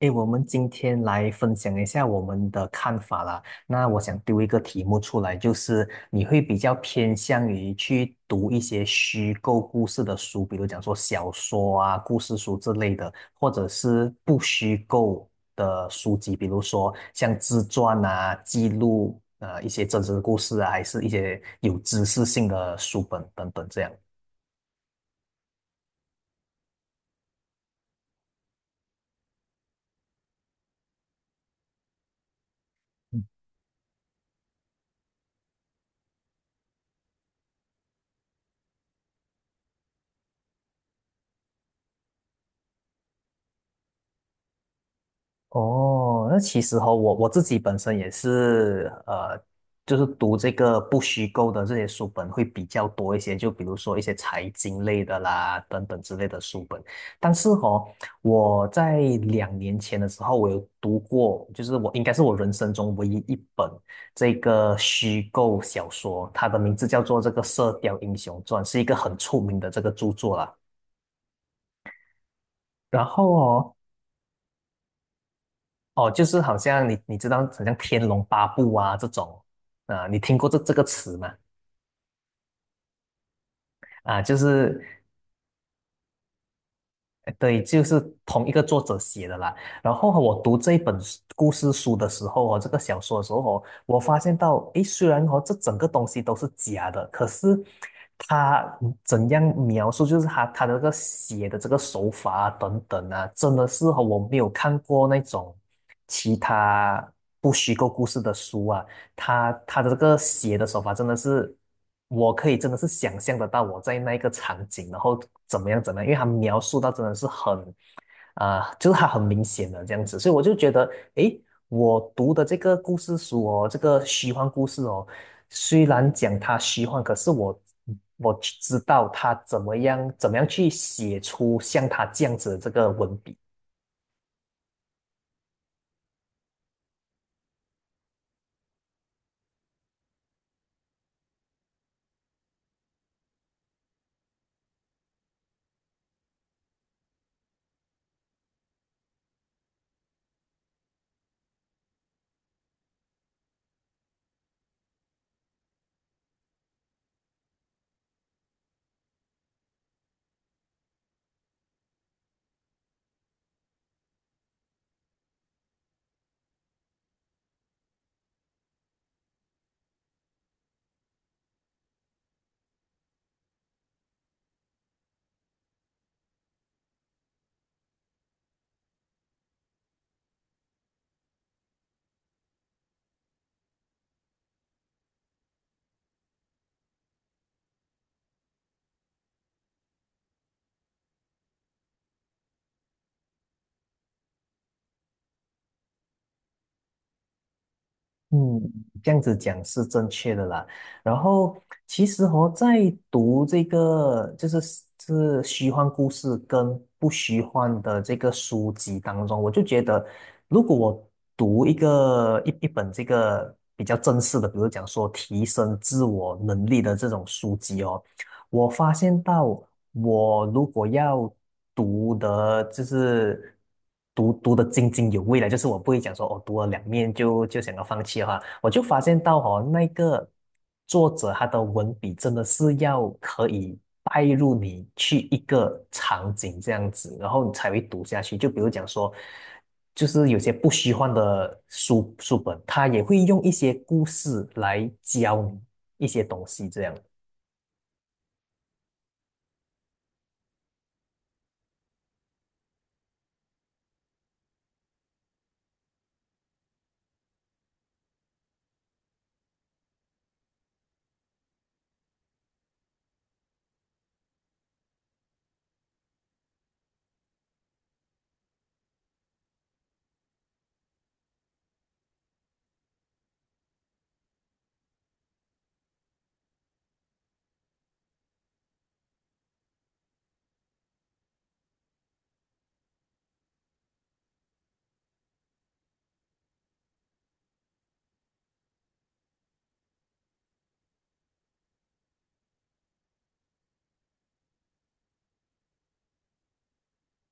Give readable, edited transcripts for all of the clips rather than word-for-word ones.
诶，我们今天来分享一下我们的看法啦。那我想丢一个题目出来，就是你会比较偏向于去读一些虚构故事的书，比如讲说小说啊、故事书之类的，或者是不虚构的书籍，比如说像自传啊、记录一些真实的故事啊，还是一些有知识性的书本等等这样。哦，那其实哈、我自己本身也是，就是读这个不虚构的这些书本会比较多一些，就比如说一些财经类的啦，等等之类的书本。但是哈、我在两年前的时候，我有读过，就是我应该是我人生中唯一一本这个虚构小说，它的名字叫做这个《射雕英雄传》，是一个很出名的这个著作啦。然后哦，哦，就是好像你知道，好像《天龙八部》啊这种啊，你听过这个词吗？啊，就是对，就是同一个作者写的啦。然后哦我读这一本故事书的时候哦，这个小说的时候哦，我发现到，诶，虽然哦这整个东西都是假的，可是他怎样描述，就是他的这个写的这个手法啊等等啊，真的是和我没有看过那种其他不虚构故事的书啊。他的这个写的手法真的是，我可以真的是想象得到我在那一个场景，然后怎么样怎么样，因为他描述到真的是很就是他很明显的这样子，所以我就觉得，诶，我读的这个故事书哦，这个虚幻故事哦，虽然讲它虚幻，可是我知道他怎么样怎么样去写出像他这样子的这个文笔。嗯，这样子讲是正确的啦。然后其实哦，在读这个就是是虚幻故事跟不虚幻的这个书籍当中，我就觉得，如果我读一个一本这个比较正式的，比如讲说提升自我能力的这种书籍哦，我发现到，我如果要读的，就是读的津津有味了，就是我不会讲说，哦，读了两面就想要放弃的话，我就发现到哦，那个作者他的文笔真的是要可以带入你去一个场景这样子，然后你才会读下去。就比如讲说，就是有些不虚幻的书本，他也会用一些故事来教你一些东西这样。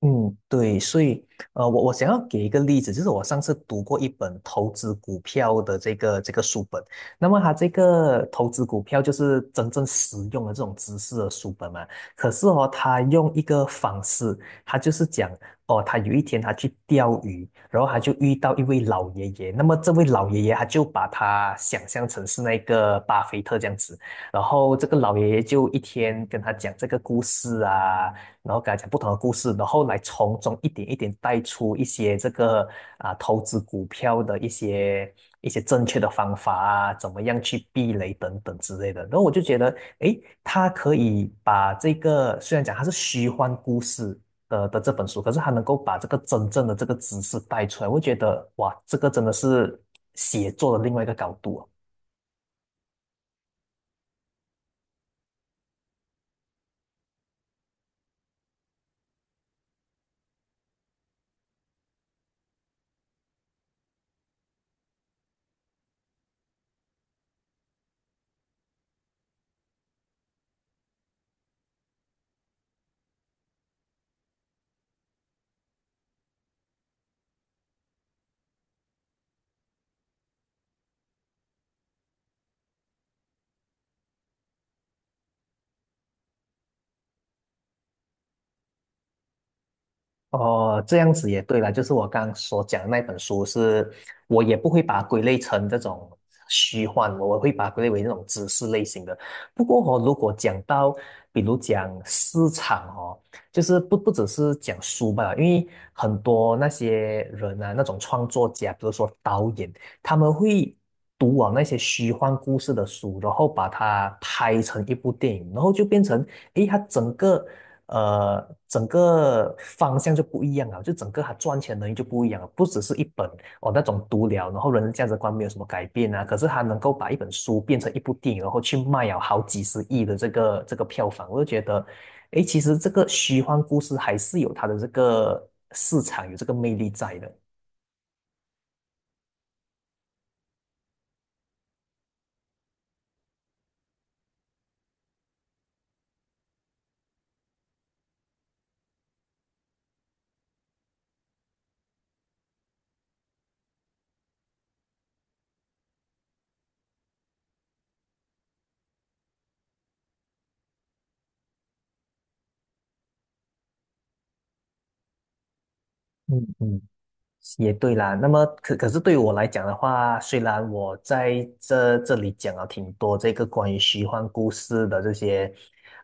嗯，对，所以，我想要给一个例子，就是我上次读过一本投资股票的这个书本，那么它这个投资股票就是真正实用的这种知识的书本嘛。可是哦，他用一个方式，他就是讲哦，他有一天他去钓鱼，然后他就遇到一位老爷爷，那么这位老爷爷他就把他想象成是那个巴菲特这样子，然后这个老爷爷就一天跟他讲这个故事啊。然后给他讲不同的故事，然后来从中一点一点带出一些这个啊投资股票的一些正确的方法啊，怎么样去避雷等等之类的。然后我就觉得，诶，他可以把这个虽然讲他是虚幻故事。的的这本书，可是他能够把这个真正的这个知识带出来，我觉得哇，这个真的是写作的另外一个高度啊。哦，这样子也对了，就是我刚刚所讲的那本书是，我也不会把它归类成这种虚幻，我会把它归类为那种知识类型的。不过哦，如果讲到，比如讲市场哦，就是不只是讲书吧，因为很多那些人啊，那种创作家，比如说导演，他们会读完那些虚幻故事的书，然后把它拍成一部电影，然后就变成，诶，它整个。呃，整个方向就不一样了，就整个他赚钱能力就不一样了，不只是一本哦那种读了，然后人的价值观没有什么改变啊，可是他能够把一本书变成一部电影，然后去卖了好几十亿的这个票房，我就觉得，诶，其实这个虚幻故事还是有它的这个市场，有这个魅力在的。嗯嗯。也对啦，那么可是对我来讲的话，虽然我在这里讲了挺多这个关于虚幻故事的这些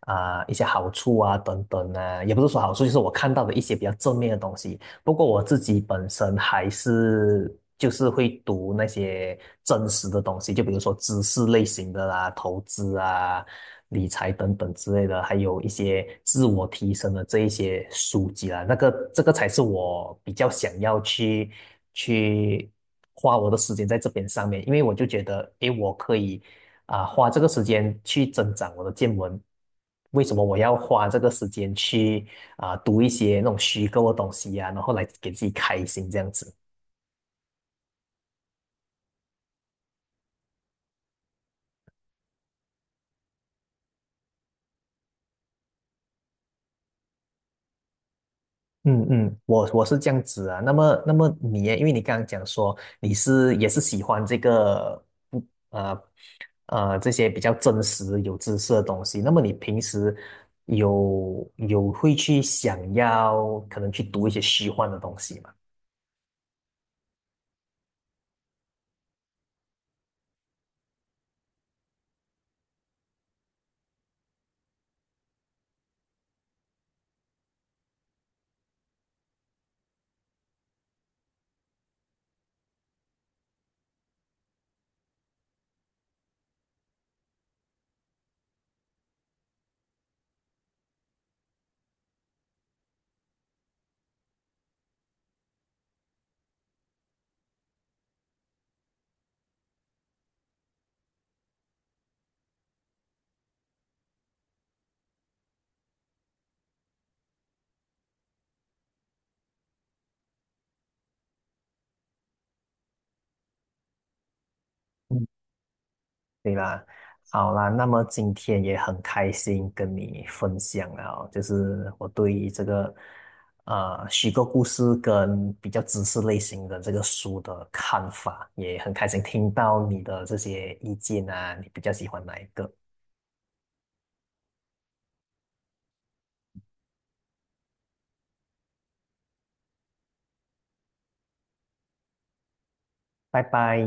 啊、一些好处啊等等啊，也不是说好处，就是我看到的一些比较正面的东西。不过我自己本身还是就是会读那些真实的东西，就比如说知识类型的啦、投资啊、理财等等之类的，还有一些自我提升的这一些书籍啦。那个这个才是我比较想要去去花我的时间在这边上面，因为我就觉得，诶，我可以啊，花这个时间去增长我的见闻？为什么我要花这个时间去啊读一些那种虚构的东西呀、然后来给自己开心这样子？嗯嗯，我是这样子啊。那么那么你耶，因为你刚刚讲说你是也是喜欢这个不呃呃这些比较真实有知识的东西，那么你平时有会去想要可能去读一些虚幻的东西吗？对啦，好啦，那么今天也很开心跟你分享了哦，就是我对于这个呃虚构故事跟比较知识类型的这个书的看法，也很开心听到你的这些意见啊，你比较喜欢哪一个？拜拜。